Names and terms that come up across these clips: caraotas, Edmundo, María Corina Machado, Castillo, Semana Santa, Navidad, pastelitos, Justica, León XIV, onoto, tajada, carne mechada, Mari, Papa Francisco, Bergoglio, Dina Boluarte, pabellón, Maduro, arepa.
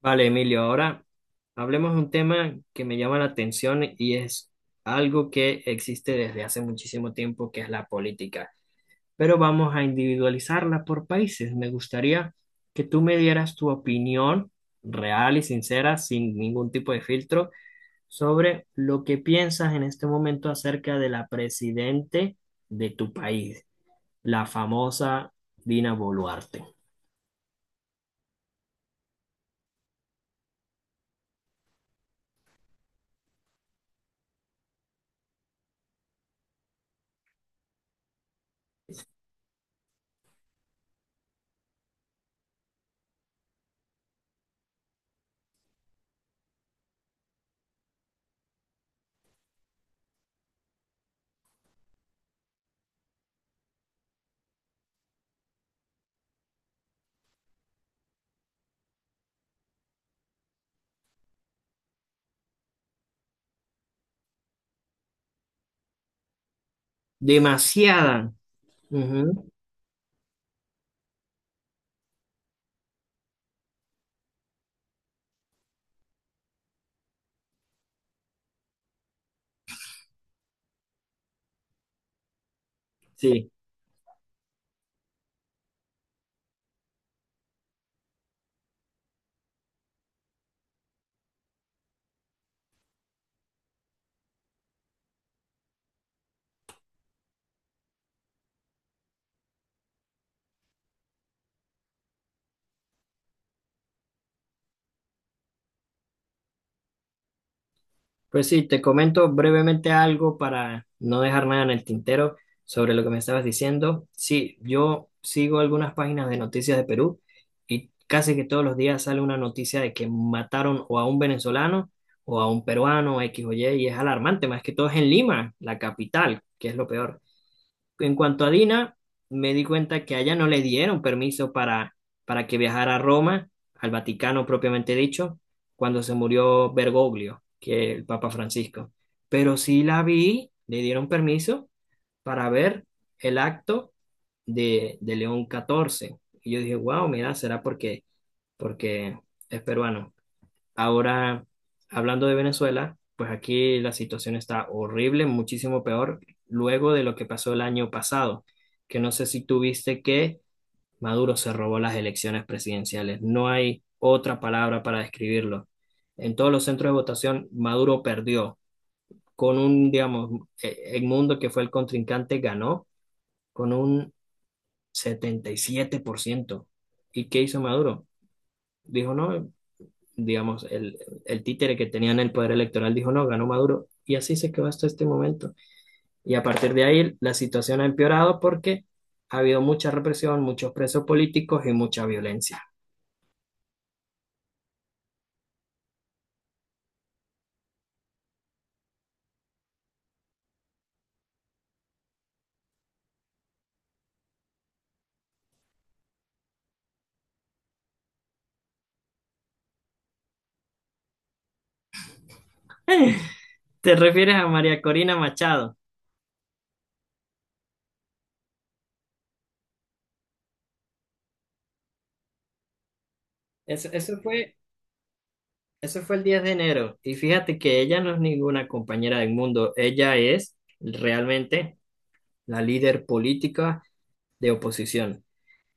Vale, Emilio, ahora hablemos de un tema que me llama la atención y es algo que existe desde hace muchísimo tiempo, que es la política. Pero vamos a individualizarla por países. Me gustaría que tú me dieras tu opinión real y sincera, sin ningún tipo de filtro, sobre lo que piensas en este momento acerca de la presidente de tu país, la famosa Dina Boluarte. Demasiada. Ujú. Sí. Pues sí, te comento brevemente algo para no dejar nada en el tintero sobre lo que me estabas diciendo. Sí, yo sigo algunas páginas de noticias de Perú y casi que todos los días sale una noticia de que mataron o a un venezolano o a un peruano, X o Y, y es alarmante, más que todo es en Lima, la capital, que es lo peor. En cuanto a Dina, me di cuenta que a ella no le dieron permiso para que viajara a Roma, al Vaticano propiamente dicho, cuando se murió Bergoglio, que el Papa Francisco. Pero sí la vi, le dieron permiso para ver el acto de León XIV. Y yo dije, wow, mira, será porque es peruano. Ahora, hablando de Venezuela, pues aquí la situación está horrible, muchísimo peor, luego de lo que pasó el año pasado, que no sé si tuviste que Maduro se robó las elecciones presidenciales. No hay otra palabra para describirlo. En todos los centros de votación, Maduro perdió. Con un, digamos, Edmundo, que fue el contrincante, ganó con un 77%. ¿Y qué hizo Maduro? Dijo, no, digamos, el títere que tenía en el poder electoral dijo, no, ganó Maduro. Y así se quedó hasta este momento. Y a partir de ahí la situación ha empeorado porque ha habido mucha represión, muchos presos políticos y mucha violencia. ¿Te refieres a María Corina Machado? Eso, eso fue, eso fue el 10 de enero. Y fíjate que ella no es ninguna compañera del mundo. Ella es realmente la líder política de oposición.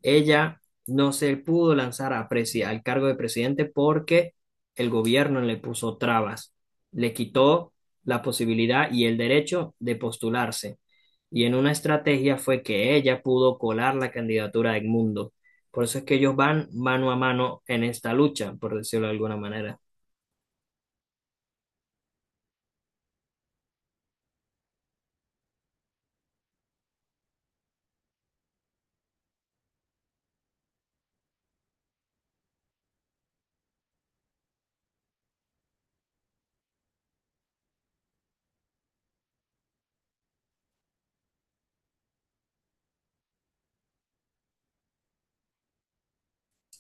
Ella no se pudo lanzar al cargo de presidente porque el gobierno le puso trabas, le quitó la posibilidad y el derecho de postularse. Y en una estrategia fue que ella pudo colar la candidatura de Edmundo. Por eso es que ellos van mano a mano en esta lucha, por decirlo de alguna manera.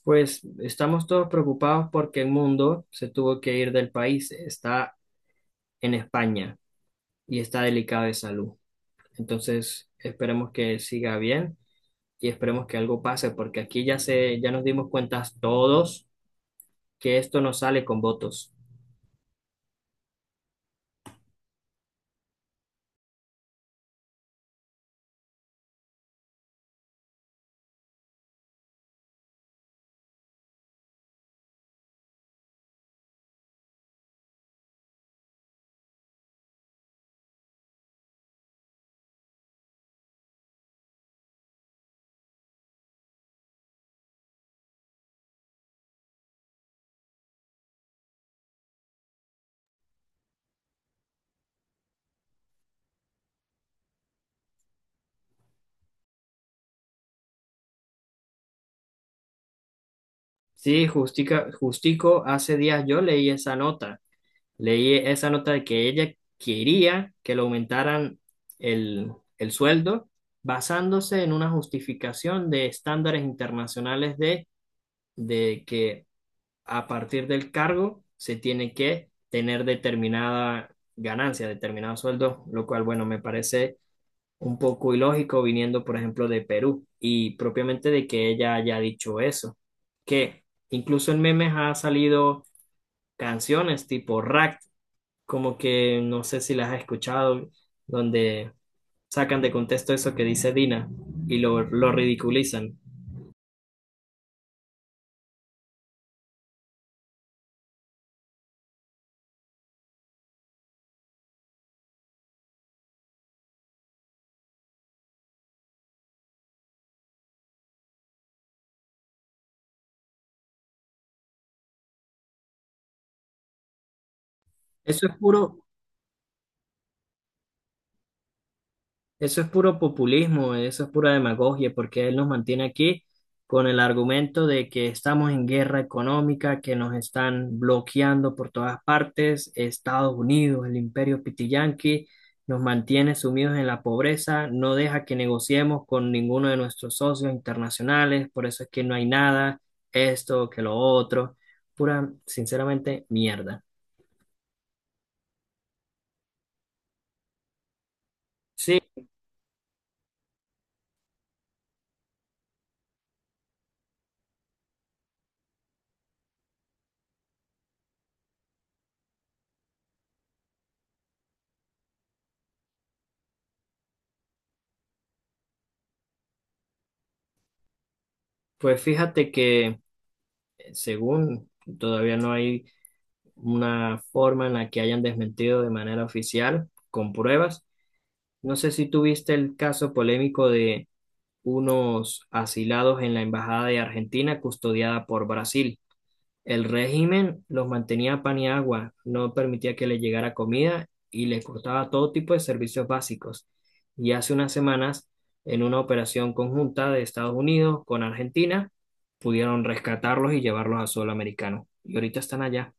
Pues estamos todos preocupados porque Edmundo se tuvo que ir del país, está en España y está delicado de salud. Entonces, esperemos que siga bien y esperemos que algo pase, porque aquí ya se, ya nos dimos cuenta todos que esto no sale con votos. Sí, Justica, Justico, hace días yo leí esa nota de que ella quería que le aumentaran el, el sueldo basándose en una justificación de estándares internacionales de que a partir del cargo se tiene que tener determinada ganancia, determinado sueldo, lo cual, bueno, me parece un poco ilógico viniendo, por ejemplo, de Perú y propiamente de que ella haya dicho eso, que incluso en memes ha salido canciones tipo Rack, como que no sé si las has escuchado, donde sacan de contexto eso que dice Dina y lo ridiculizan. Eso es puro, Eso es puro populismo, eso es pura demagogia, porque él nos mantiene aquí con el argumento de que estamos en guerra económica, que nos están bloqueando por todas partes, Estados Unidos, el imperio pitiyanqui, nos mantiene sumidos en la pobreza, no deja que negociemos con ninguno de nuestros socios internacionales, por eso es que no hay nada, esto, que lo otro, pura, sinceramente, mierda. Sí, pues fíjate que según todavía no hay una forma en la que hayan desmentido de manera oficial, con pruebas. No sé si tuviste el caso polémico de unos asilados en la Embajada de Argentina custodiada por Brasil. El régimen los mantenía a pan y agua, no permitía que les llegara comida y les cortaba todo tipo de servicios básicos. Y hace unas semanas, en una operación conjunta de Estados Unidos con Argentina, pudieron rescatarlos y llevarlos a suelo americano. Y ahorita están allá.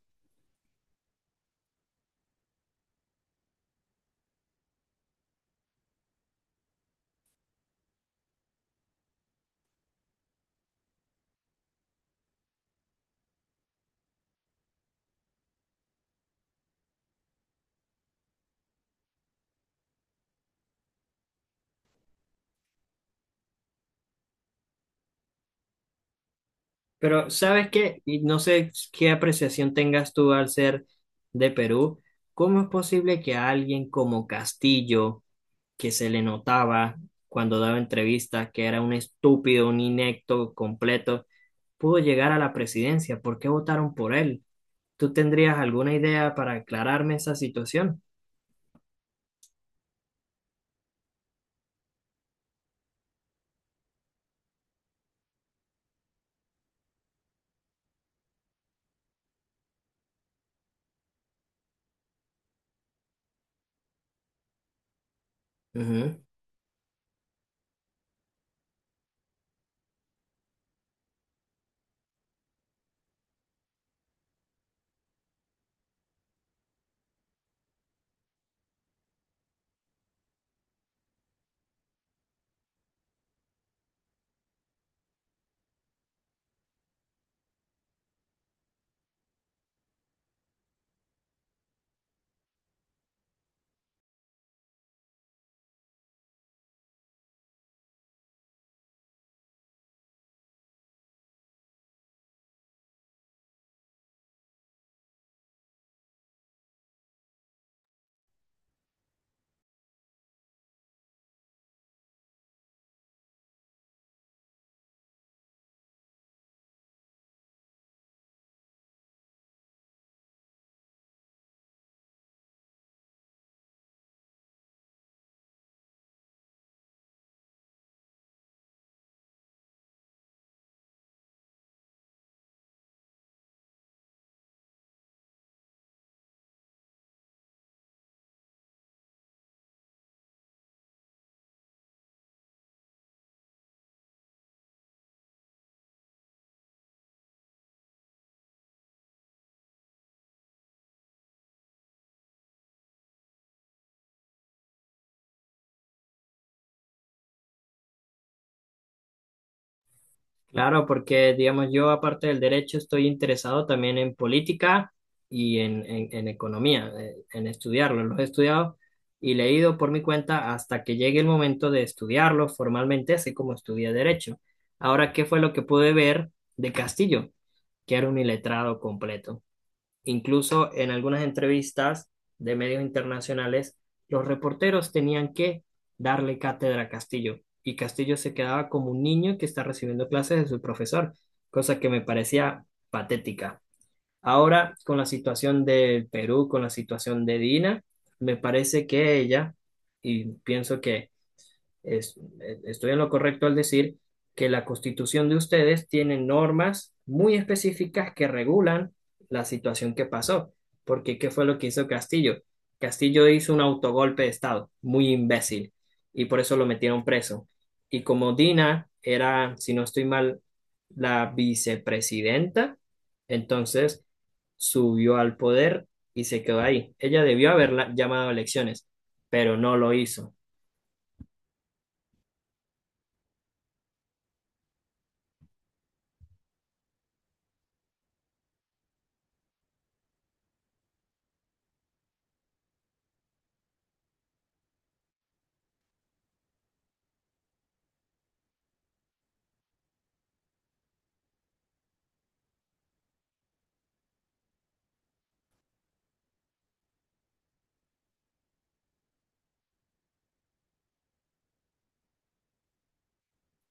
Pero, ¿sabes qué? Y no sé qué apreciación tengas tú al ser de Perú. ¿Cómo es posible que a alguien como Castillo, que se le notaba cuando daba entrevistas que era un estúpido, un inepto completo, pudo llegar a la presidencia? ¿Por qué votaron por él? ¿Tú tendrías alguna idea para aclararme esa situación? Ujú. Claro, porque digamos yo aparte del derecho estoy interesado también en política y en economía, en estudiarlo. Los he estudiado y leído por mi cuenta hasta que llegue el momento de estudiarlo formalmente, así como estudié derecho. Ahora, ¿qué fue lo que pude ver de Castillo? Que era un iletrado completo. Incluso en algunas entrevistas de medios internacionales, los reporteros tenían que darle cátedra a Castillo y Castillo se quedaba como un niño que está recibiendo clases de su profesor, cosa que me parecía patética. Ahora, con la situación del Perú, con la situación de Dina, me parece que ella, y pienso que estoy en lo correcto al decir que la constitución de ustedes tiene normas muy específicas que regulan la situación que pasó. Porque, ¿qué fue lo que hizo Castillo? Castillo hizo un autogolpe de Estado, muy imbécil, y por eso lo metieron preso. Y como Dina era, si no estoy mal, la vicepresidenta, entonces subió al poder y se quedó ahí. Ella debió haber llamado a elecciones, pero no lo hizo.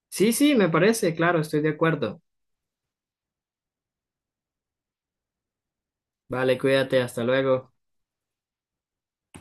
Sí, sí, me parece, claro, estoy de acuerdo. Vale, cuídate, hasta luego.